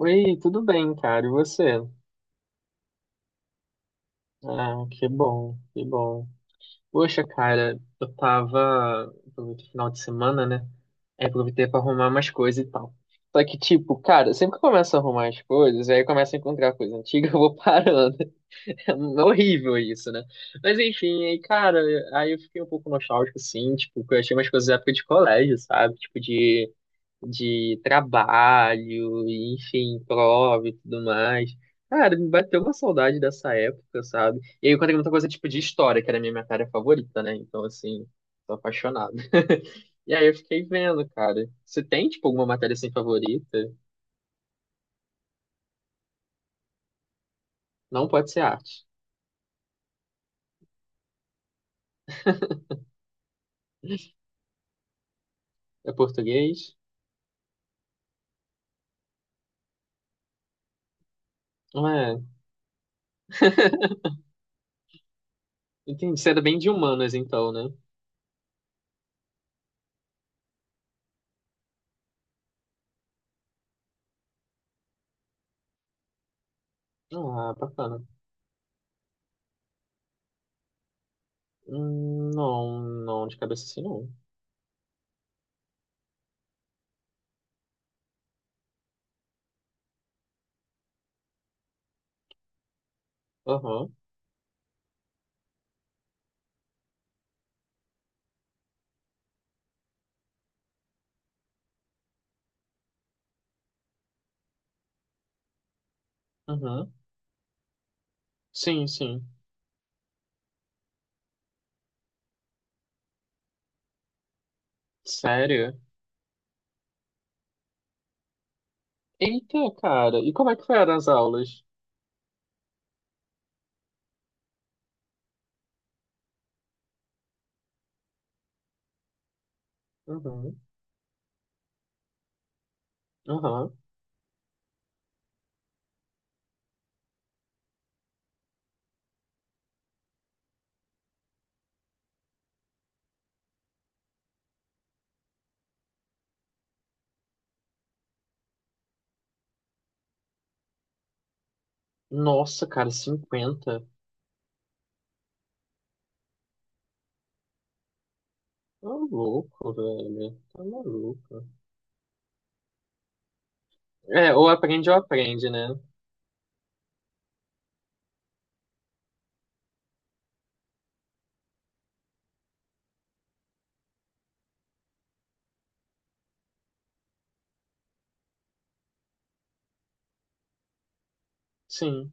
Oi, tudo bem, cara? E você? Ah, que bom, que bom. Poxa, cara, eu tava. Aproveitei o final de semana, né? Aí aproveitei pra arrumar umas coisas e tal. Só que, tipo, cara, sempre que eu começo a arrumar as coisas, aí eu começo a encontrar coisa antiga, eu vou parando. É horrível isso, né? Mas enfim, aí, cara, aí eu fiquei um pouco nostálgico, assim, tipo, que eu achei umas coisas da época de colégio, sabe? Tipo, de trabalho, e, enfim, prova e tudo mais. Cara, me bateu uma saudade dessa época, sabe? E aí eu encontrei muita coisa tipo de história, que era a minha matéria favorita, né? Então, assim, tô apaixonado. E aí eu fiquei vendo, cara. Você tem, tipo, alguma matéria assim favorita? Não pode ser arte. É português? Não é. Entendi. Você era bem de humanas, então, né? Ah, bacana. Não, de cabeça assim não. Aham, aham. Sim, sim. Sério? Eita, cara. E como é que foram as aulas? Uhum. Aham. Nossa, cara, cinquenta! Tá louco, velho. Tá maluco. É, ou aprende, né? Sim.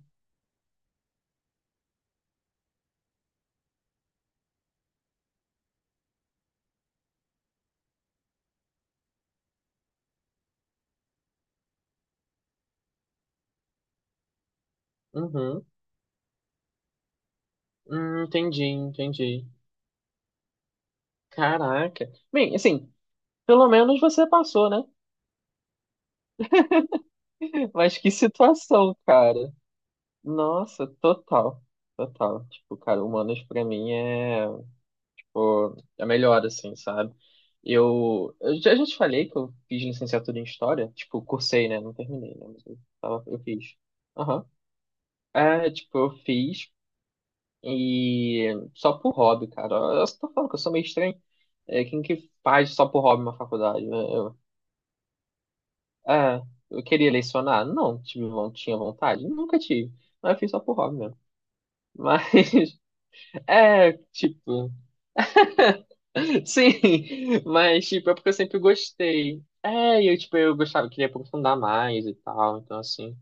Uhum. Entendi, entendi. Caraca. Bem, assim, pelo menos você passou, né? Mas que situação, cara. Nossa, total. Total. Tipo, cara, humanas pra mim é. Pô, é melhor assim, sabe? Eu, eu já te falei que eu fiz licenciatura em História, tipo, cursei, né? Não terminei, né? Mas eu, tava, eu fiz. Aham. É, tipo, eu fiz e só por hobby, cara. Eu só tô falando que eu sou meio estranho. É, quem que faz só por hobby uma faculdade? Né? Eu, é, eu queria lecionar? Não, tive, tinha vontade? Nunca tive. Mas eu fiz só por hobby mesmo. Mas, é, tipo, Sim, mas tipo, é porque eu sempre gostei. É, e eu tipo, eu gostava, queria aprofundar mais e tal, então assim.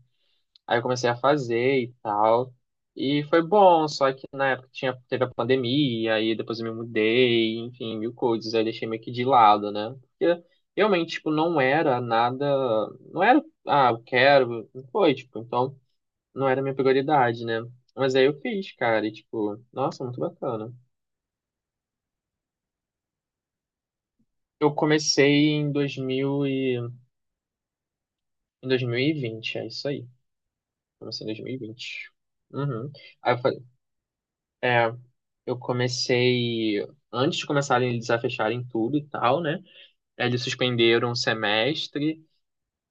Aí eu comecei a fazer e tal. E foi bom, só que na época tinha, teve a pandemia, aí depois eu me mudei, enfim, mil coisas, aí eu deixei meio que de lado, né? Porque realmente, tipo, não era nada, não era, ah, eu quero, não foi, tipo, então não era minha prioridade, né? Mas aí eu fiz, cara, e tipo, nossa, muito bacana. Eu comecei em 2000 Em 2020 é isso aí. Comecei em 2020. Uhum. Aí eu falei, é, eu comecei antes de começarem eles a fecharem tudo e tal, né? Aí eles suspenderam um semestre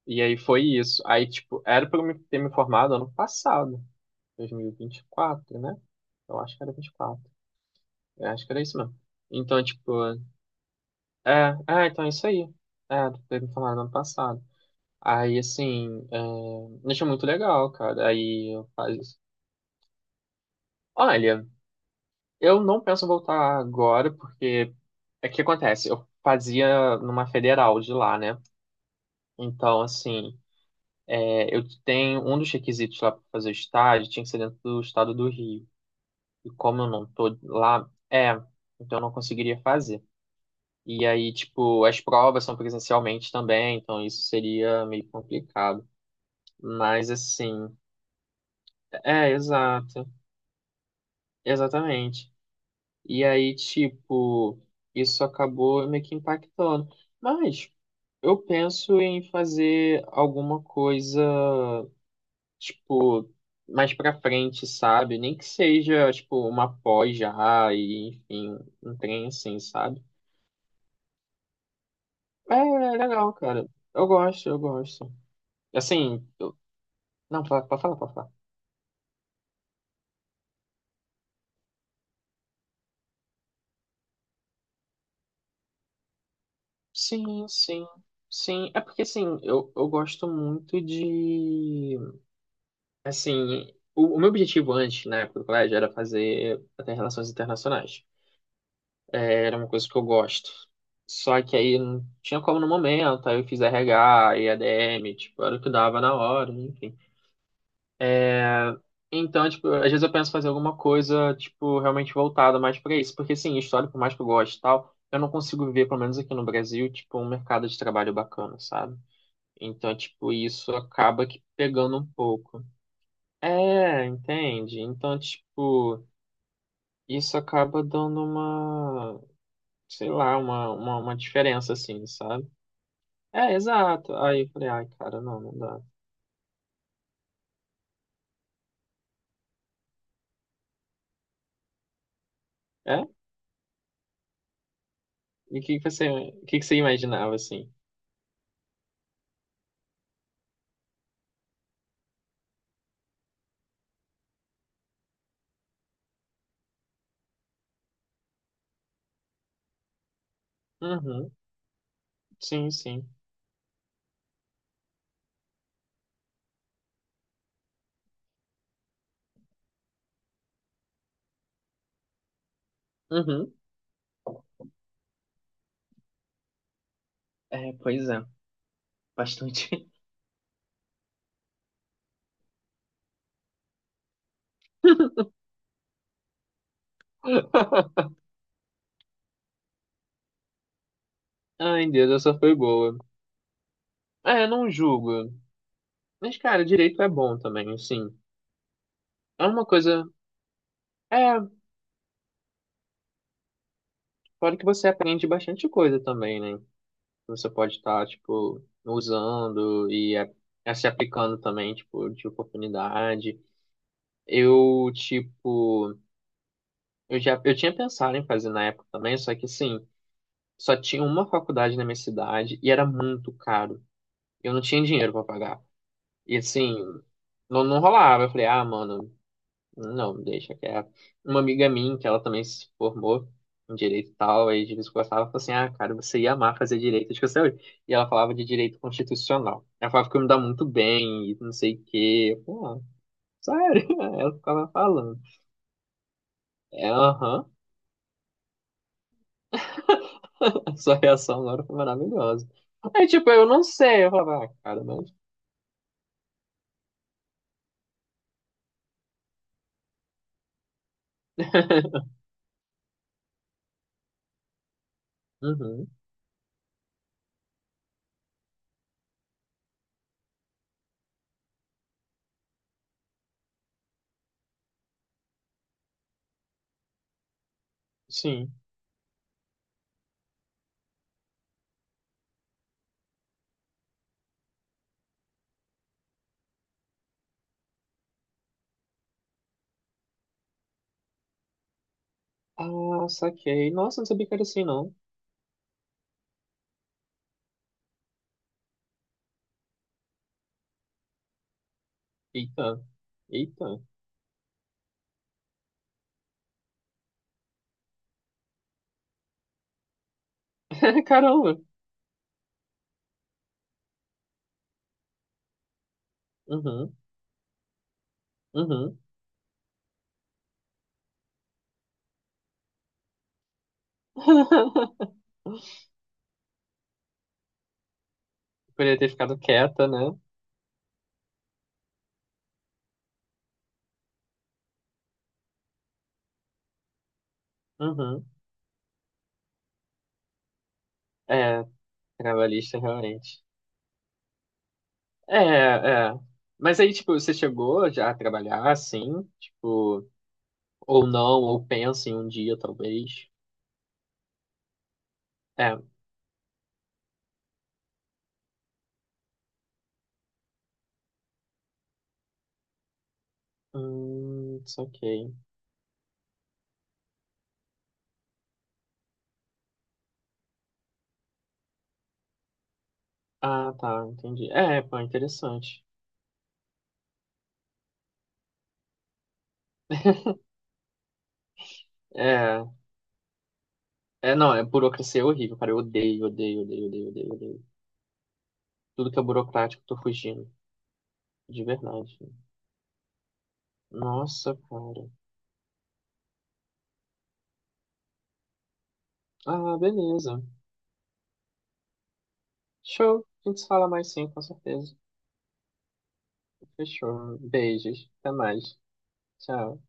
e aí foi isso. Aí, tipo, era pra eu ter me formado ano passado, dois mil e vinte e quatro né? Eu acho que era vinte e quatro. Eu acho que era isso mesmo. Então, tipo, é, então é isso aí. É, ter me formado ano passado. Aí, assim, é, deixa muito legal, cara. Aí eu faço. Olha. Eu não penso voltar agora, porque é que acontece, eu fazia numa federal de lá, né? Então, assim, é, eu tenho um dos requisitos lá para fazer estágio, tinha que ser dentro do estado do Rio. E como eu não tô lá, é, então eu não conseguiria fazer. E aí, tipo, as provas são presencialmente também, então isso seria meio complicado. Mas, assim, é, exato, exatamente. E aí, tipo, isso acabou meio que impactando. Mas eu penso em fazer alguma coisa, tipo, mais pra frente, sabe? Nem que seja, tipo, uma pós já, e enfim, um trem assim, sabe? É, é legal, cara. Eu gosto, eu gosto. Assim, eu... não, pode falar, pode falar. Sim, sim, sim. É porque, assim, eu gosto muito de. Assim, o meu objetivo antes, na época do colégio, era fazer até relações internacionais. É, era uma coisa que eu gosto. Só que aí não tinha como no momento, aí eu fiz RH e ADM, tipo, era o que dava na hora, enfim. É, então, tipo, às vezes eu penso em fazer alguma coisa, tipo, realmente voltada mais pra isso. Porque, sim, história, por mais que eu goste e tal, eu não consigo ver, pelo menos aqui no Brasil, tipo, um mercado de trabalho bacana, sabe? Então, tipo, isso acaba que pegando um pouco. É, entende? Então, tipo, isso acaba dando uma, sei lá, uma diferença, assim, sabe? É, exato. Aí eu falei, ai, cara, não, não dá. É? E o que que você imaginava, assim? Uhum, sim, sim. Uhum. É, pois é, bastante. Ai, Deus, essa foi boa. É, não julgo. Mas, cara, direito é bom também, assim. É uma coisa. É, fora que você aprende bastante coisa também, né? Você pode estar, tipo, usando e é, é se aplicando também, tipo, de oportunidade. Eu, tipo, eu já, eu tinha pensado em fazer na época também, só que, assim, só tinha uma faculdade na minha cidade e era muito caro. Eu não tinha dinheiro para pagar. E, assim, não rolava. Eu falei, ah, mano, não, deixa que é uma amiga minha, que ela também se formou em direito e tal, aí de vez em quando gostava, falou assim, ah, cara, você ia amar fazer direito, acho que você hoje. E ela falava de direito constitucional. Ela falava que eu me dá muito bem e não sei o quê. Eu ah, sério? Ela ficava falando. É, aham. Sua reação agora foi maravilhosa. Aí, tipo, eu não sei. Eu falava, ah, cara, mas... Uhum, sim. Ah, saquei. Nossa, não sabia que era assim, não. Eita. Eita. Caramba. Uhum, uhum. Poderia ter ficado quieta, né? Uhum. É, trabalhista, realmente. É, é. Mas aí, tipo, você chegou já a trabalhar assim? Tipo, ou não, ou pensa em um dia, talvez. É. Saquei. Ah, tá, entendi. É, pô, interessante. É, não, é burocracia é horrível, cara. Eu odeio, odeio, odeio, odeio, odeio, odeio. Tudo que é burocrático, eu tô fugindo. De verdade. Nossa, cara. Ah, beleza. Show. A gente se fala mais sim, com certeza. Fechou. Beijos. Até mais. Tchau.